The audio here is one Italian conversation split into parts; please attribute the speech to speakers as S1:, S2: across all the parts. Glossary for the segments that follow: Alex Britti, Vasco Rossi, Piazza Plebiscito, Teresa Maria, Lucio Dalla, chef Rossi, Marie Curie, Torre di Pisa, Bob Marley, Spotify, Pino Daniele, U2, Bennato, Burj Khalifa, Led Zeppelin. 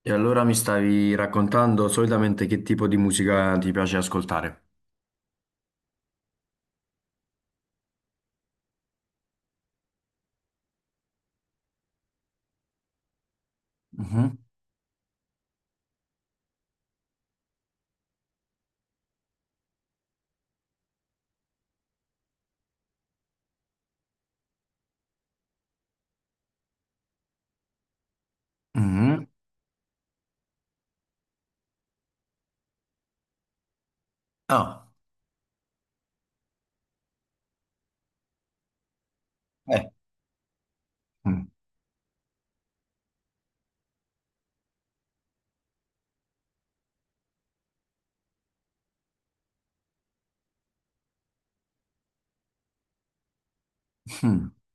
S1: E allora mi stavi raccontando solitamente che tipo di musica ti piace ascoltare? Mhm, mhm. Ah, eh, mhm.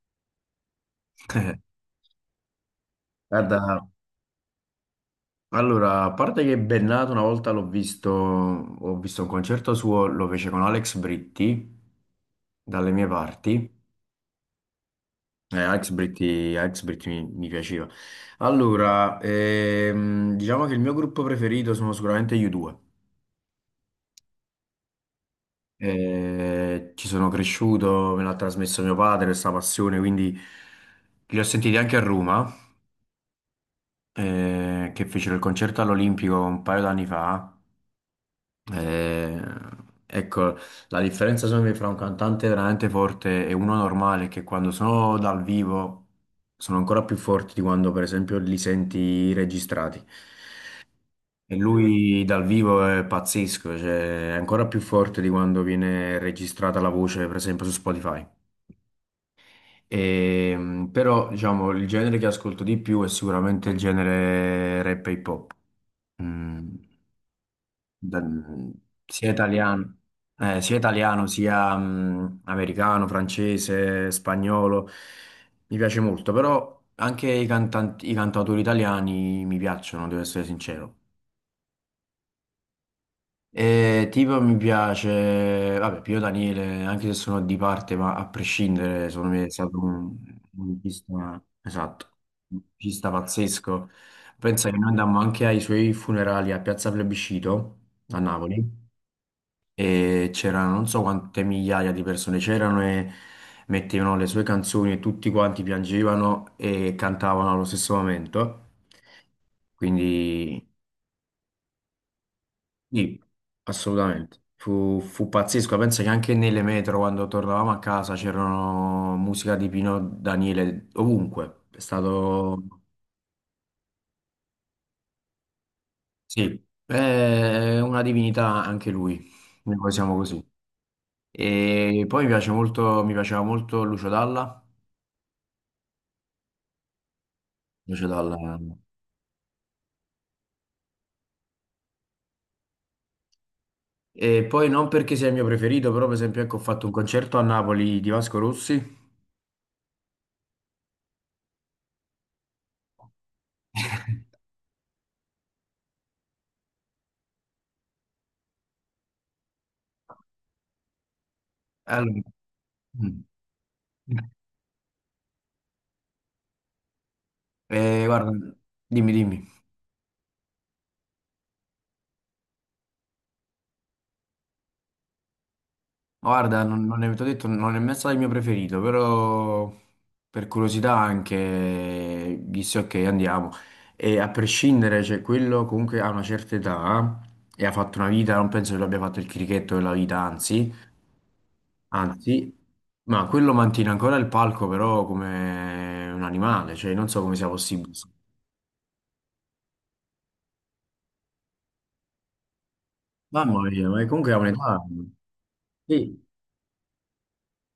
S1: Guarda, allora, a parte che Bennato una volta l'ho visto, ho visto un concerto suo, lo fece con Alex Britti, dalle mie parti. Alex Britti, Alex Britti mi piaceva. Allora, diciamo che il mio gruppo preferito sono sicuramente gli U2. Ci sono cresciuto, me l'ha trasmesso mio padre questa passione, quindi li ho sentiti anche a Roma, che fecero il concerto all'Olimpico un paio d'anni fa. Eh, ecco, la differenza secondo me fra un cantante veramente forte e uno normale è che quando sono dal vivo sono ancora più forti di quando per esempio li senti registrati. E lui dal vivo è pazzesco, cioè è ancora più forte di quando viene registrata la voce, per esempio su Spotify. Però, diciamo, il genere che ascolto di più è sicuramente il genere rap e hip hop. Mm, da- mm, sia italiano, sia italiano, sia americano, francese, spagnolo. Mi piace molto, però anche i cantautori italiani mi piacciono, devo essere sincero. Tipo mi piace, vabbè, Pio Daniele, anche se sono di parte, ma a prescindere, secondo me è stato un musicista, esatto, un musicista pazzesco. Pensa che noi andammo anche ai suoi funerali a Piazza Plebiscito a Napoli e c'erano non so quante migliaia di persone c'erano e mettevano le sue canzoni e tutti quanti piangevano e cantavano allo stesso momento. Quindi sì, assolutamente. Fu pazzesco. Penso che anche nelle metro, quando tornavamo a casa, c'erano musica di Pino Daniele ovunque. È stato, sì, è una divinità anche lui. Noi siamo così. E poi mi piace molto, mi piaceva molto Lucio Dalla. Lucio Dalla. E poi non perché sia il mio preferito, però per esempio ecco, ho fatto un concerto a Napoli di Vasco Rossi. Allora, mm. Guarda, dimmi, dimmi. Guarda, non, non è, t'ho detto, non è mai stato il mio preferito, però per curiosità anche disse ok, andiamo. E a prescindere, cioè, quello comunque ha una certa età e ha fatto una vita, non penso che l'abbia fatto il crichetto della vita, anzi, anzi, ma quello mantiene ancora il palco però come un animale, cioè non so come sia possibile. Mamma mia, ma comunque ha un'età. Sì,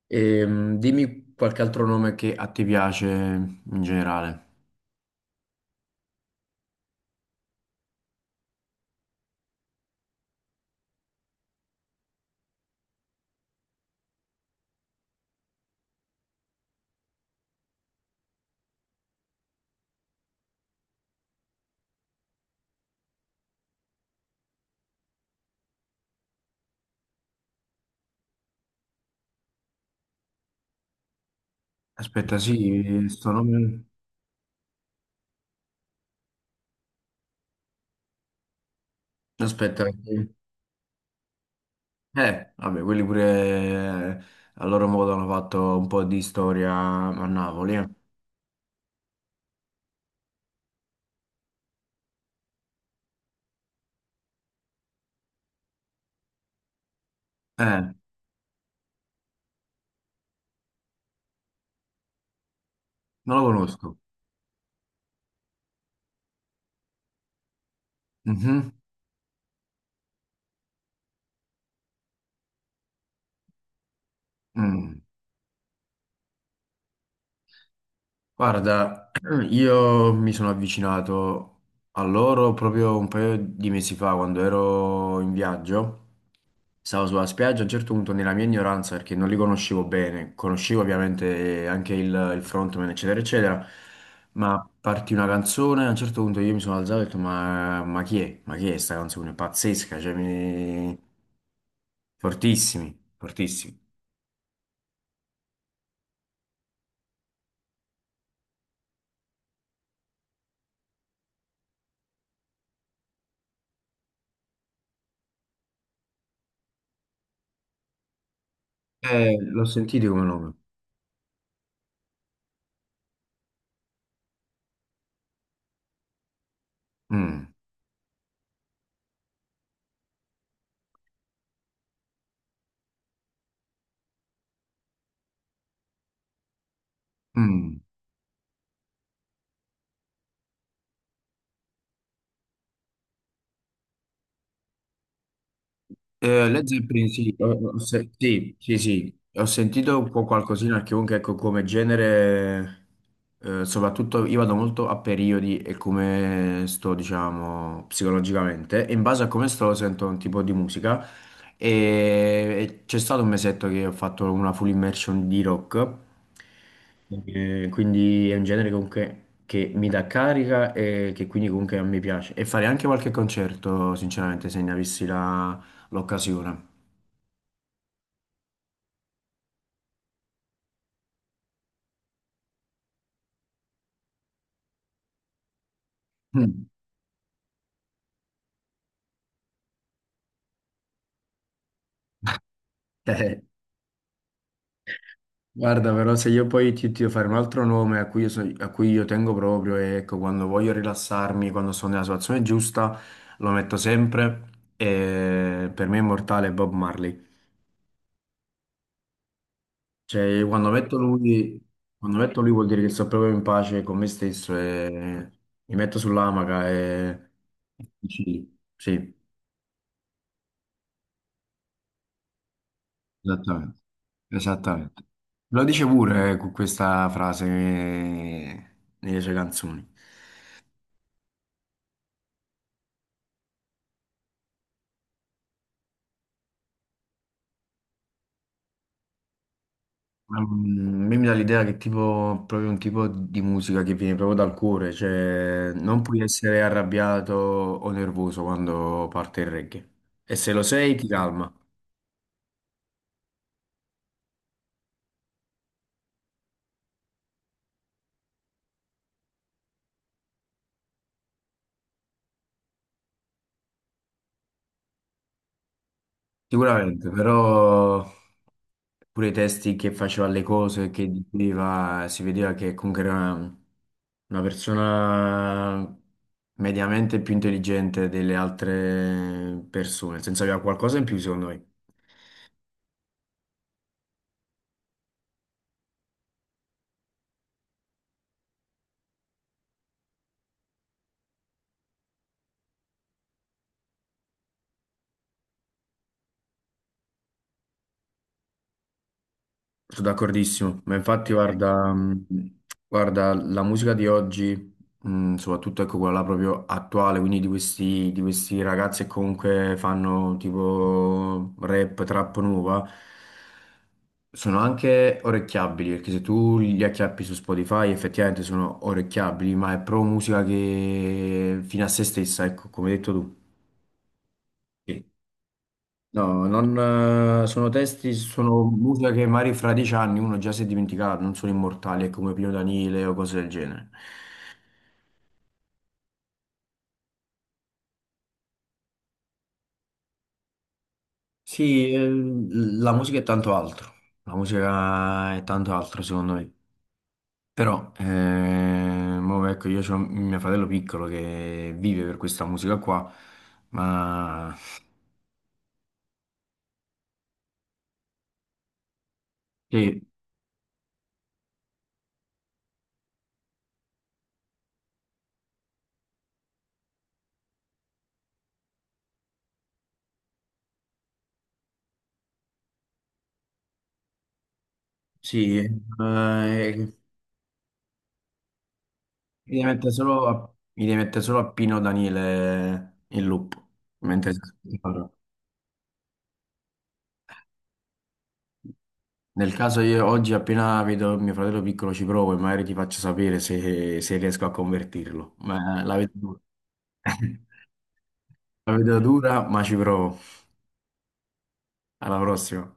S1: Dimmi qualche altro nome che a te piace in generale. Aspetta, sì, sto nome... Aspetta, vabbè, quelli pure eh, a loro modo hanno fatto un po' di storia a Napoli. Eh, non lo conosco. Mhm. Mm. Guarda, io mi sono avvicinato a loro proprio un paio di mesi fa quando ero in viaggio. Stavo sulla spiaggia, a un certo punto nella mia ignoranza, perché non li conoscevo bene, conoscevo ovviamente anche il frontman, eccetera, eccetera, ma partì una canzone, a un certo punto io mi sono alzato e ho detto, ma chi è? Ma chi è sta canzone? È pazzesca, cioè mi... Fortissimi, fortissimi. L'ho sentito come nome. Mm, mm. Led Zeppelin, sì, ho- ho se- sì, sì, sì, ho sentito un po' qualcosina, perché comunque ecco, come genere, soprattutto io vado molto a periodi e come sto, diciamo, psicologicamente, e in base a come sto sento un tipo di musica. E, e c'è stato un mesetto che ho fatto una full immersion di rock, quindi è un genere comunque che mi dà carica e che quindi comunque a me piace. E fare anche qualche concerto, sinceramente, se ne avessi la l'occasione. Mm. Eh, guarda, però se io poi ti devo fare un altro nome a cui a cui io tengo proprio, e ecco, quando voglio rilassarmi, quando sono nella situazione giusta, lo metto sempre e per me è immortale Bob Marley. Cioè, quando metto lui vuol dire che sto proprio in pace con me stesso e mi metto sull'amaca e... Sì, sì. Esattamente, esattamente. Lo dice pure con questa frase nelle sue canzoni. Ma, mm, a me mi dà l'idea che tipo, proprio un tipo di musica che viene proprio dal cuore, cioè non puoi essere arrabbiato o nervoso quando parte il reggae. E se lo sei ti calma, sicuramente, però pure i testi che faceva le cose, che diceva, si vedeva che comunque era una persona mediamente più intelligente delle altre persone, nel senso aveva qualcosa in più secondo me. Sono d'accordissimo, ma infatti eh, guarda, guarda, la musica di oggi, soprattutto ecco quella là proprio attuale, quindi di questi ragazzi che comunque fanno tipo rap, trap nuova, sono anche orecchiabili, perché se tu li acchiappi su Spotify effettivamente sono orecchiabili, ma è proprio musica che fino a se stessa, ecco, come hai detto tu. Sì. No, non, sono testi, sono musica che magari fra 10 anni uno già si è dimenticato, non sono immortali, è come Pino Danile o cose del genere. Sì, la musica è tanto altro, la musica è tanto altro secondo me. Però, mo ecco, io ho mio fratello piccolo che vive per questa musica qua, ma sì, sì, mi mi devi mettere solo a Pino Danile in loop, mentre... Nel caso io oggi appena vedo mio fratello piccolo ci provo e magari ti faccio sapere se, se riesco a convertirlo. Ma la vedo dura. La vedo dura, ma ci provo. Alla prossima.